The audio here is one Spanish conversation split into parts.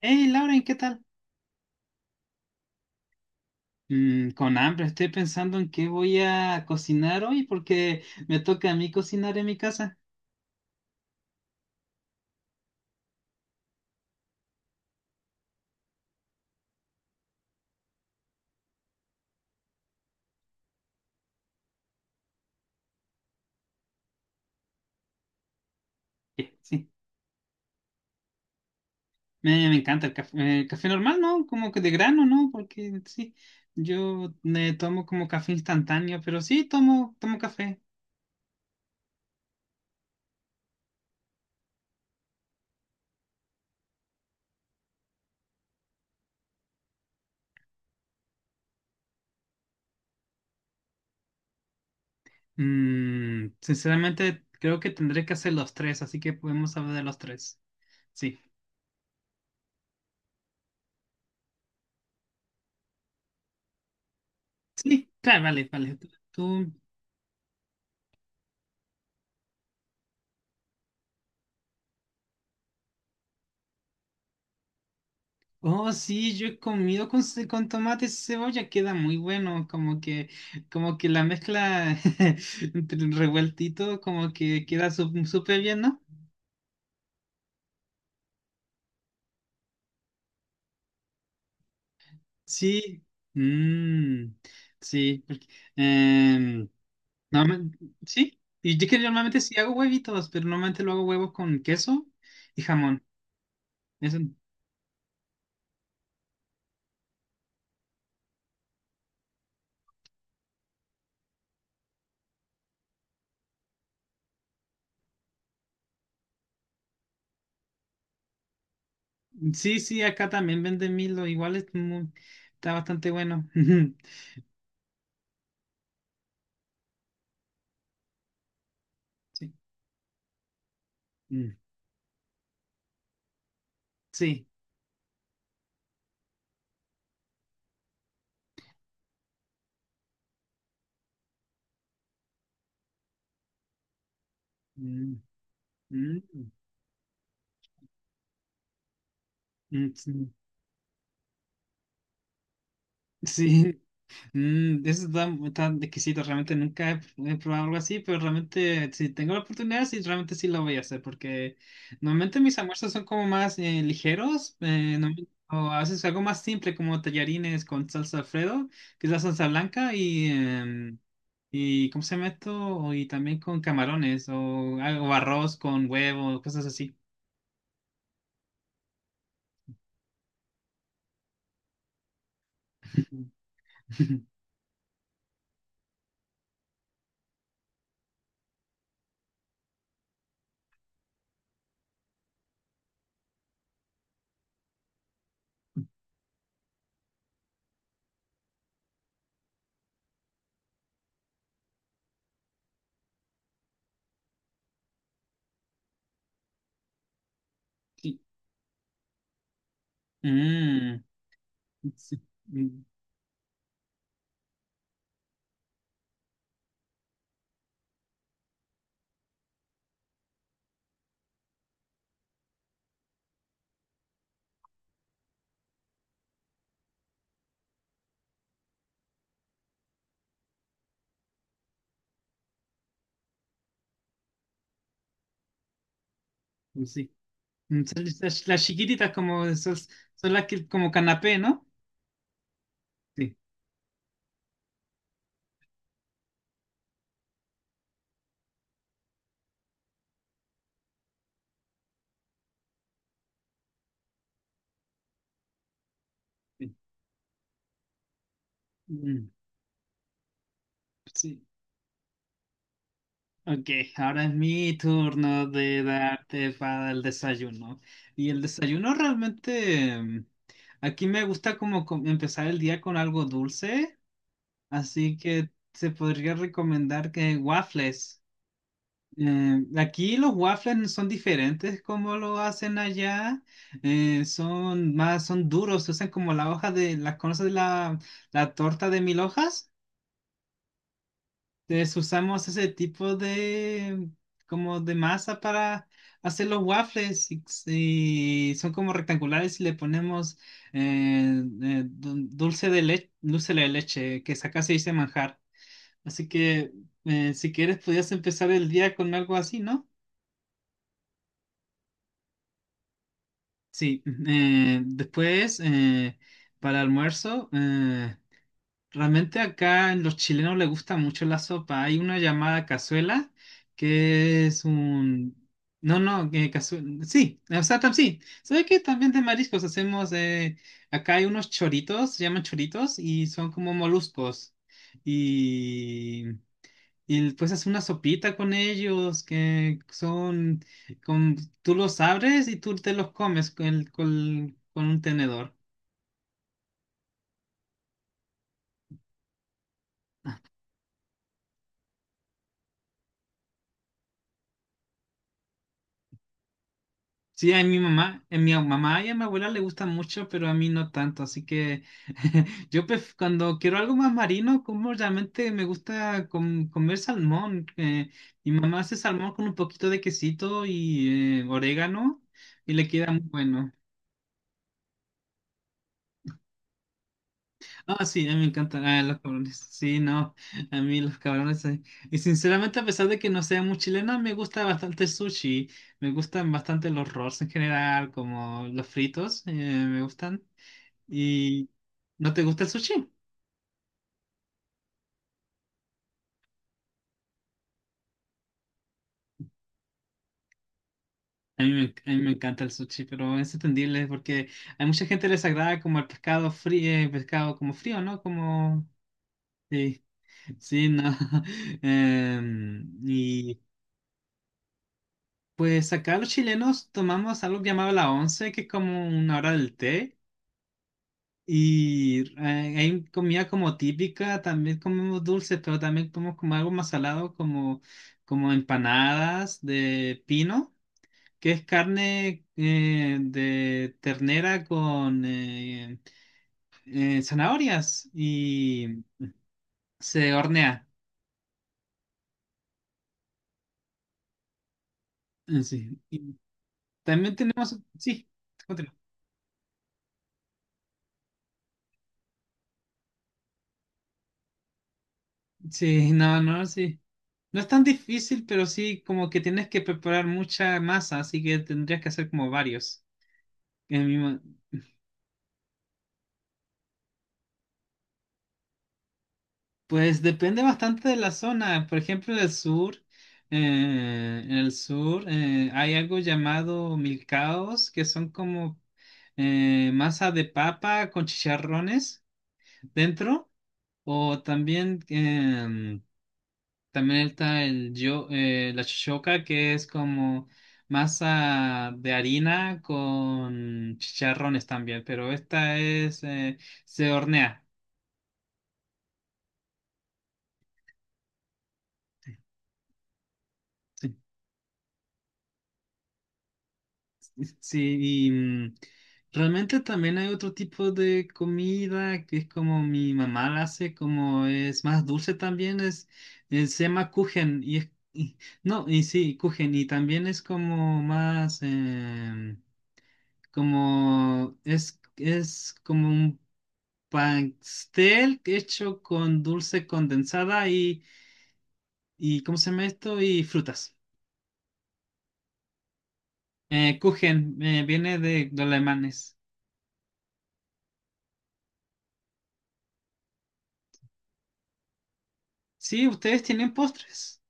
Hey, Lauren, ¿qué tal? Con hambre, estoy pensando en qué voy a cocinar hoy porque me toca a mí cocinar en mi casa. Sí, sí, me encanta el café normal, ¿no? Como que de grano, ¿no? Porque sí, yo me tomo como café instantáneo, pero sí, tomo café. Sinceramente, creo que tendré que hacer los tres, así que podemos hablar de los tres. Sí, sí, claro, vale, vale. ¿Tú? Oh, sí, yo he comido con tomate y cebolla, queda muy bueno, como que la mezcla entre el revueltito, como que queda súper bien, ¿no? Sí, mm, sí, porque, em, normalmente- sí, y yo que normalmente sí hago huevitos, pero normalmente lo hago huevos con queso y jamón. Eso, sí, sí, acá también venden Milo, igual es está bastante bueno. Sí, mm, sí. Mm, mm. Mm, sí, sí. Eso está exquisito, realmente nunca he probado algo así, pero realmente si tengo la oportunidad, sí, realmente sí lo voy a hacer, porque normalmente mis almuerzos son como más ligeros, o a veces algo más simple como tallarines con salsa Alfredo, que es la salsa blanca, y ¿cómo se llama esto? Y también con camarones, o, algo arroz con huevo, cosas así. Sí. Mm, sí. Mm, pues sí. Son las chiquititas como esos son las que como canapé, ¿no? Sí, sí. Mm, sí. Ok, ahora es mi turno de darte para el desayuno. Y el desayuno realmente, aquí me gusta como empezar el día con algo dulce, así que se podría recomendar que waffles. Aquí los waffles son diferentes como lo hacen allá. Son más, son duros, se usan como la hoja de, las conoces la torta de mil hojas. Entonces usamos ese tipo de, como de masa para hacer los waffles y son como rectangulares y le ponemos dulce de leche, que acá se dice manjar. Así que si quieres, podías empezar el día con algo así, ¿no? Sí, después para almuerzo, realmente acá en los chilenos les gusta mucho la sopa. Hay una llamada cazuela que es un... No, no, que cazuela... Sí, o sea, sí. ¿Sabes qué? También de mariscos hacemos... acá hay unos choritos, se llaman choritos y son como moluscos. Y pues haces una sopita con ellos que son, con, tú los abres y tú te los comes con un tenedor. Sí, a mi mamá y a mi abuela le gustan mucho, pero a mí no tanto. Así que yo cuando quiero algo más marino, como realmente me gusta comer salmón. Mi mamá hace salmón con un poquito de quesito y orégano y le queda muy bueno. Ah, sí, a mí me encantan los cabrones. Sí, no, a mí los cabrones. Y sinceramente, a pesar de que no sea muy chilena, me gusta bastante el sushi. Me gustan bastante los rolls en general, como los fritos, me gustan. ¿Y no te gusta el sushi? A mí me encanta el sushi, pero es entendible porque hay mucha gente que les agrada como el pescado frío, pescado como frío, ¿no? Como... Sí, sí, no. Y... Pues acá los chilenos tomamos algo llamado la once, que es como una hora del té, y hay comida como típica, también comemos dulces, pero también comemos como algo más salado, como empanadas de pino, que es carne de ternera con zanahorias y se hornea. Sí. Y también tenemos, sí, continúa. Sí, no, no, sí. No es tan difícil, pero sí como que tienes que preparar mucha masa, así que tendrías que hacer como varios. En mi ma... Pues depende bastante de la zona. Por ejemplo, en el sur, hay algo llamado milcaos, que son como masa de papa con chicharrones dentro, o también está el yo, la shoka, que es como masa de harina con chicharrones también, pero esta es, se hornea. Sí, y realmente también hay otro tipo de comida que es como mi mamá la hace, como es más dulce también, es, se llama kuchen, y es, no, y sí, kuchen, y también es como más... como es como un pastel hecho con dulce condensada y ¿cómo se llama esto? Y frutas. Kuchen, viene de los alemanes. Sí, ustedes tienen postres,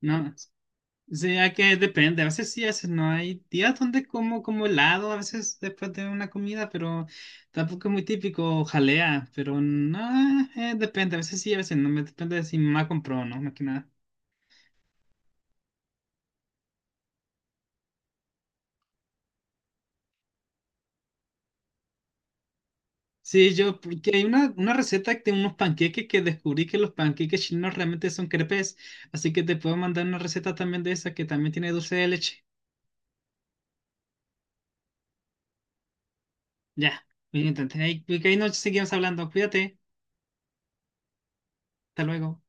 ¿no? Sí, hay que depende, a veces sí, a veces no. Hay días donde como, como helado, a veces después de una comida, pero tampoco es muy típico, o jalea, pero no, depende, a veces sí, a veces no, me depende de si mi mamá compró o no, más que nada. Sí, yo, porque hay una receta de unos panqueques que descubrí que los panqueques chinos realmente son crepes, así que te puedo mandar una receta también de esa que también tiene dulce de leche. Ya, bien, entonces ahí, porque ahí nos seguimos hablando. Cuídate, hasta luego.